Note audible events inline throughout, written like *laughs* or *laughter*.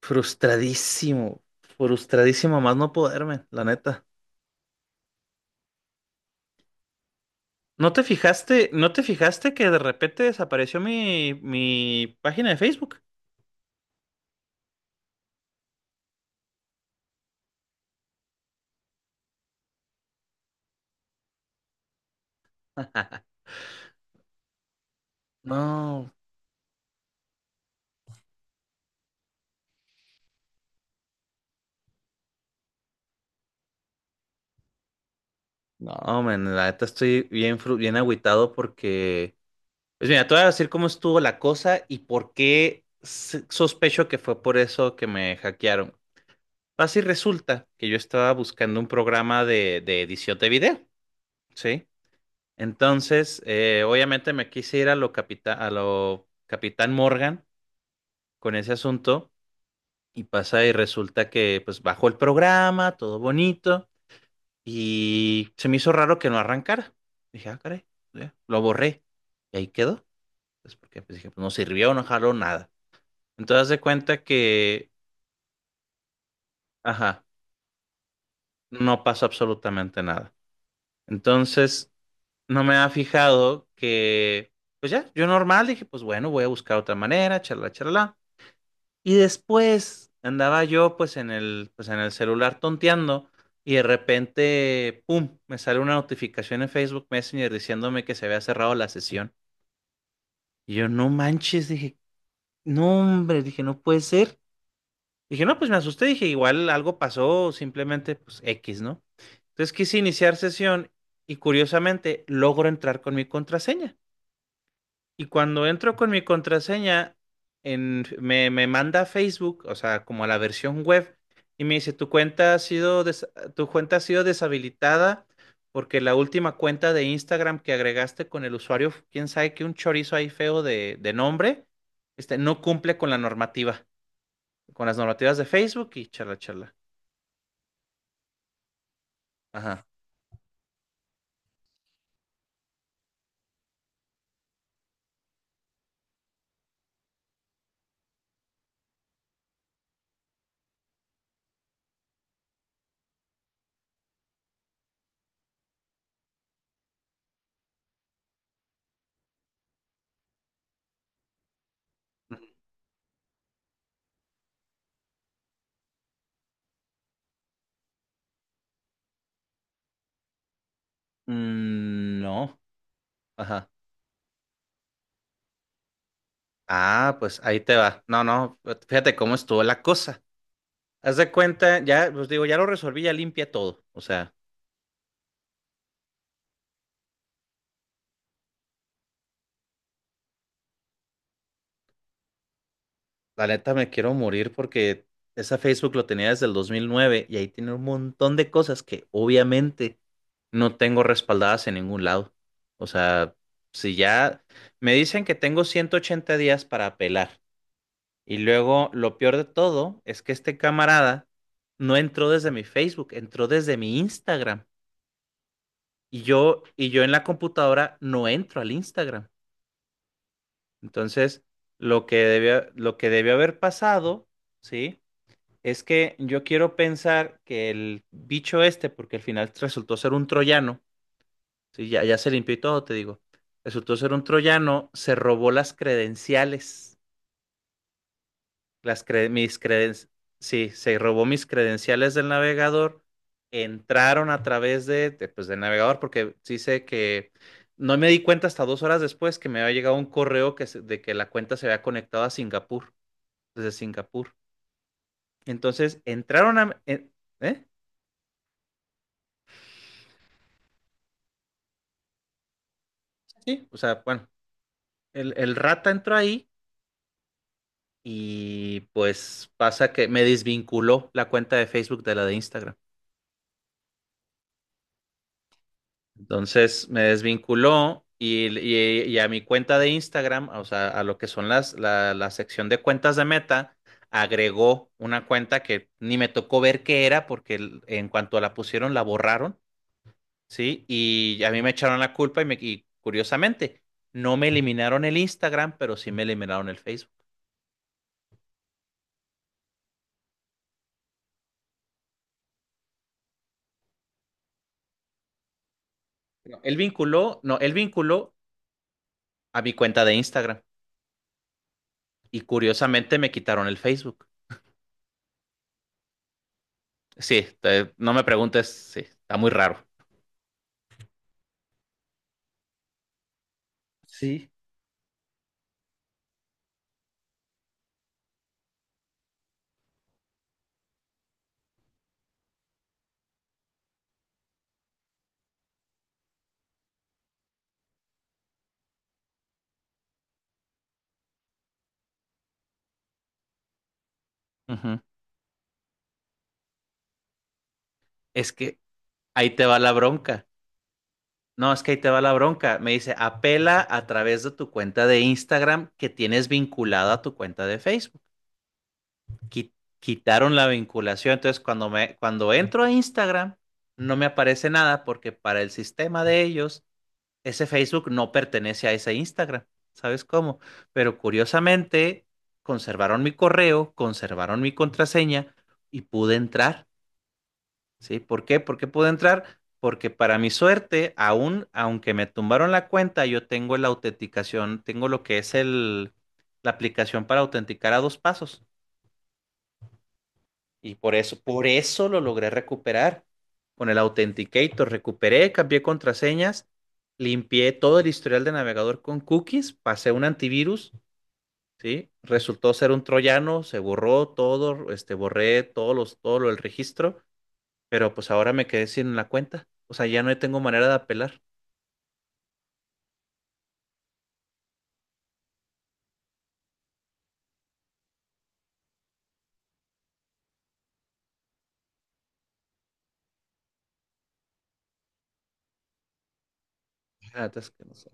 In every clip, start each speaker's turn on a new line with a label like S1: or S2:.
S1: Frustradísimo, frustradísimo a más no poderme, la neta. ¿No te fijaste, que de repente desapareció mi página de Facebook? *laughs* No, no, man, la neta estoy bien, bien agüitado porque, pues mira, te voy a decir cómo estuvo la cosa y por qué sospecho que fue por eso que me hackearon. Así resulta que yo estaba buscando un programa de edición de video, ¿sí? Entonces, obviamente me quise ir a lo, a lo Capitán Morgan con ese asunto y pasa y resulta que pues bajó el programa, todo bonito y se me hizo raro que no arrancara. Dije, ah, caray, ya, lo borré y ahí quedó. Pues porque pues, dije, pues no sirvió, no jaló nada. Entonces, haz de cuenta que, ajá, no pasó absolutamente nada. Entonces, no me había fijado que, pues ya, yo normal dije, pues bueno, voy a buscar otra manera, charla, charla. Y después andaba yo pues en el celular tonteando y de repente, ¡pum!, me sale una notificación en Facebook Messenger diciéndome que se había cerrado la sesión. Y yo, no manches, dije, no hombre, dije, no puede ser. Dije, no, pues me asusté, dije, igual algo pasó, simplemente pues X, ¿no? Entonces quise iniciar sesión y curiosamente logro entrar con mi contraseña. Y cuando entro con mi contraseña, me manda a Facebook, o sea, como a la versión web, y me dice, tu cuenta ha sido deshabilitada porque la última cuenta de Instagram que agregaste con el usuario, quién sabe que un chorizo ahí feo de nombre, este, no cumple con la normativa, con las normativas de Facebook y charla, charla. Ajá. Mm, no. Ajá. Ah, pues ahí te va. No, no, fíjate cómo estuvo la cosa. Haz de cuenta, ya, pues digo, ya lo resolví, ya limpia todo. O sea, la neta me quiero morir porque esa Facebook lo tenía desde el 2009 y ahí tiene un montón de cosas que obviamente no tengo respaldadas en ningún lado. O sea, si ya me dicen que tengo 180 días para apelar y luego lo peor de todo es que este camarada no entró desde mi Facebook, entró desde mi Instagram y yo en la computadora no entro al Instagram. Entonces, lo que debió haber pasado, ¿sí? Es que yo quiero pensar que el bicho este, porque al final resultó ser un troyano, ¿sí? Ya se limpió y todo, te digo. Resultó ser un troyano, se robó las credenciales, mis credenciales, sí, se robó mis credenciales del navegador, entraron a través pues, del navegador, porque sí sé que no me di cuenta hasta 2 horas después que me había llegado un correo de que la cuenta se había conectado a Singapur. Desde Singapur. Entonces ¿Eh? Sí, o sea, bueno, el rata entró ahí y pues pasa que me desvinculó la cuenta de Facebook de la de Instagram. Entonces me desvinculó y a mi cuenta de Instagram, o sea, a lo que son la sección de cuentas de Meta, agregó una cuenta que ni me tocó ver qué era porque en cuanto la pusieron la borraron. Sí, y a mí me echaron la culpa y curiosamente, no me eliminaron el Instagram, pero sí me eliminaron el Facebook. No, él vinculó a mi cuenta de Instagram y curiosamente me quitaron el Facebook. Sí, no me preguntes, sí, está muy raro. Sí. Ujú. Es que ahí te va la bronca. No, es que ahí te va la bronca. Me dice, apela a través de tu cuenta de Instagram que tienes vinculada a tu cuenta de Facebook. qui- Quitaron la vinculación. Entonces, cuando entro a Instagram, no me aparece nada porque para el sistema de ellos, ese Facebook no pertenece a ese Instagram. ¿Sabes cómo? Pero curiosamente, conservaron mi correo, conservaron mi contraseña y pude entrar. ¿Sí? ¿Por qué? ¿Por qué pude entrar? Porque para mi suerte, aún, aunque me tumbaron la cuenta, yo tengo la autenticación, tengo lo que es el, la aplicación para autenticar a dos pasos. Y por eso lo logré recuperar. Con el Authenticator recuperé, cambié contraseñas, limpié todo el historial de navegador con cookies, pasé un antivirus, ¿sí? Resultó ser un troyano, se borró todo, este, borré el registro, pero pues ahora me quedé sin la cuenta. O sea, ya no tengo manera de apelar. Ah, es que no sé.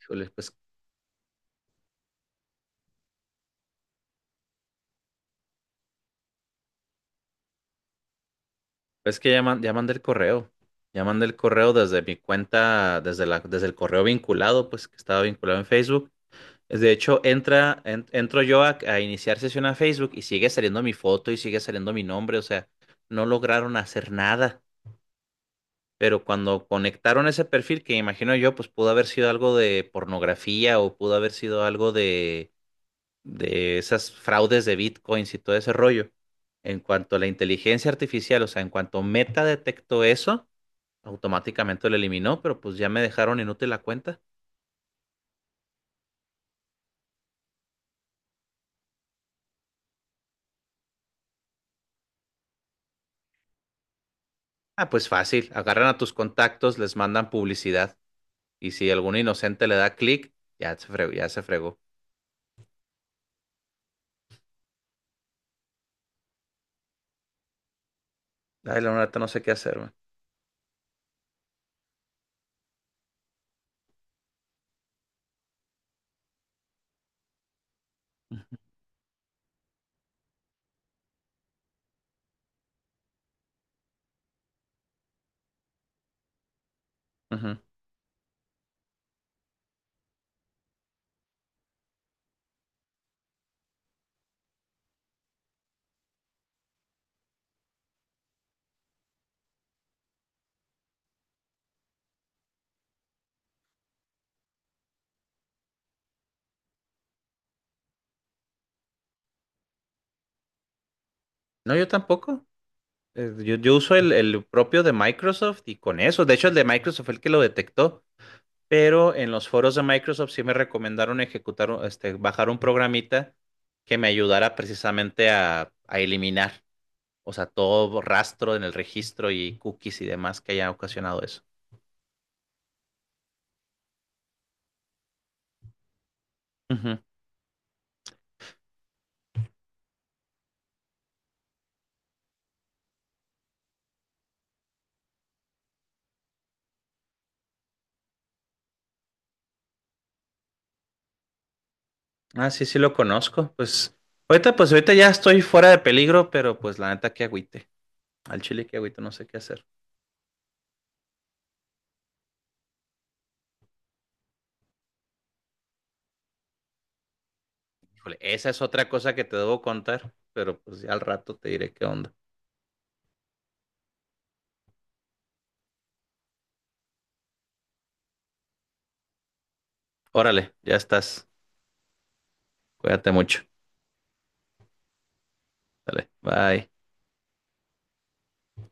S1: Híjole, pues, es que ya, ya mandé el correo. Ya mandé el correo desde mi cuenta, desde el correo vinculado, pues que estaba vinculado en Facebook. De hecho, entro yo a iniciar sesión a Facebook y sigue saliendo mi foto y sigue saliendo mi nombre, o sea, no lograron hacer nada. Pero cuando conectaron ese perfil, que imagino yo, pues pudo haber sido algo de pornografía o pudo haber sido algo de esas fraudes de bitcoins y todo ese rollo. En cuanto a la inteligencia artificial, o sea, en cuanto Meta detectó eso, automáticamente lo eliminó, pero pues ya me dejaron inútil la cuenta. Ah, pues fácil, agarran a tus contactos, les mandan publicidad. Y si algún inocente le da clic, ya se fregó, ya se fregó. Ay, la neta no sé qué hacer, güey. Ujú. No, yo tampoco. Yo, yo uso el propio de Microsoft y con eso. De hecho, el de Microsoft fue el que lo detectó. Pero en los foros de Microsoft sí me recomendaron ejecutar, este, bajar un programita que me ayudara precisamente a eliminar, o sea, todo rastro en el registro y cookies y demás que haya ocasionado eso. Ah, sí, sí lo conozco. Pues ahorita ya estoy fuera de peligro, pero pues la neta que agüite. Al chile que agüite, no sé qué hacer. Híjole, esa es otra cosa que te debo contar, pero pues ya al rato te diré qué onda. Órale, ya estás. Cuídate mucho. Dale, bye.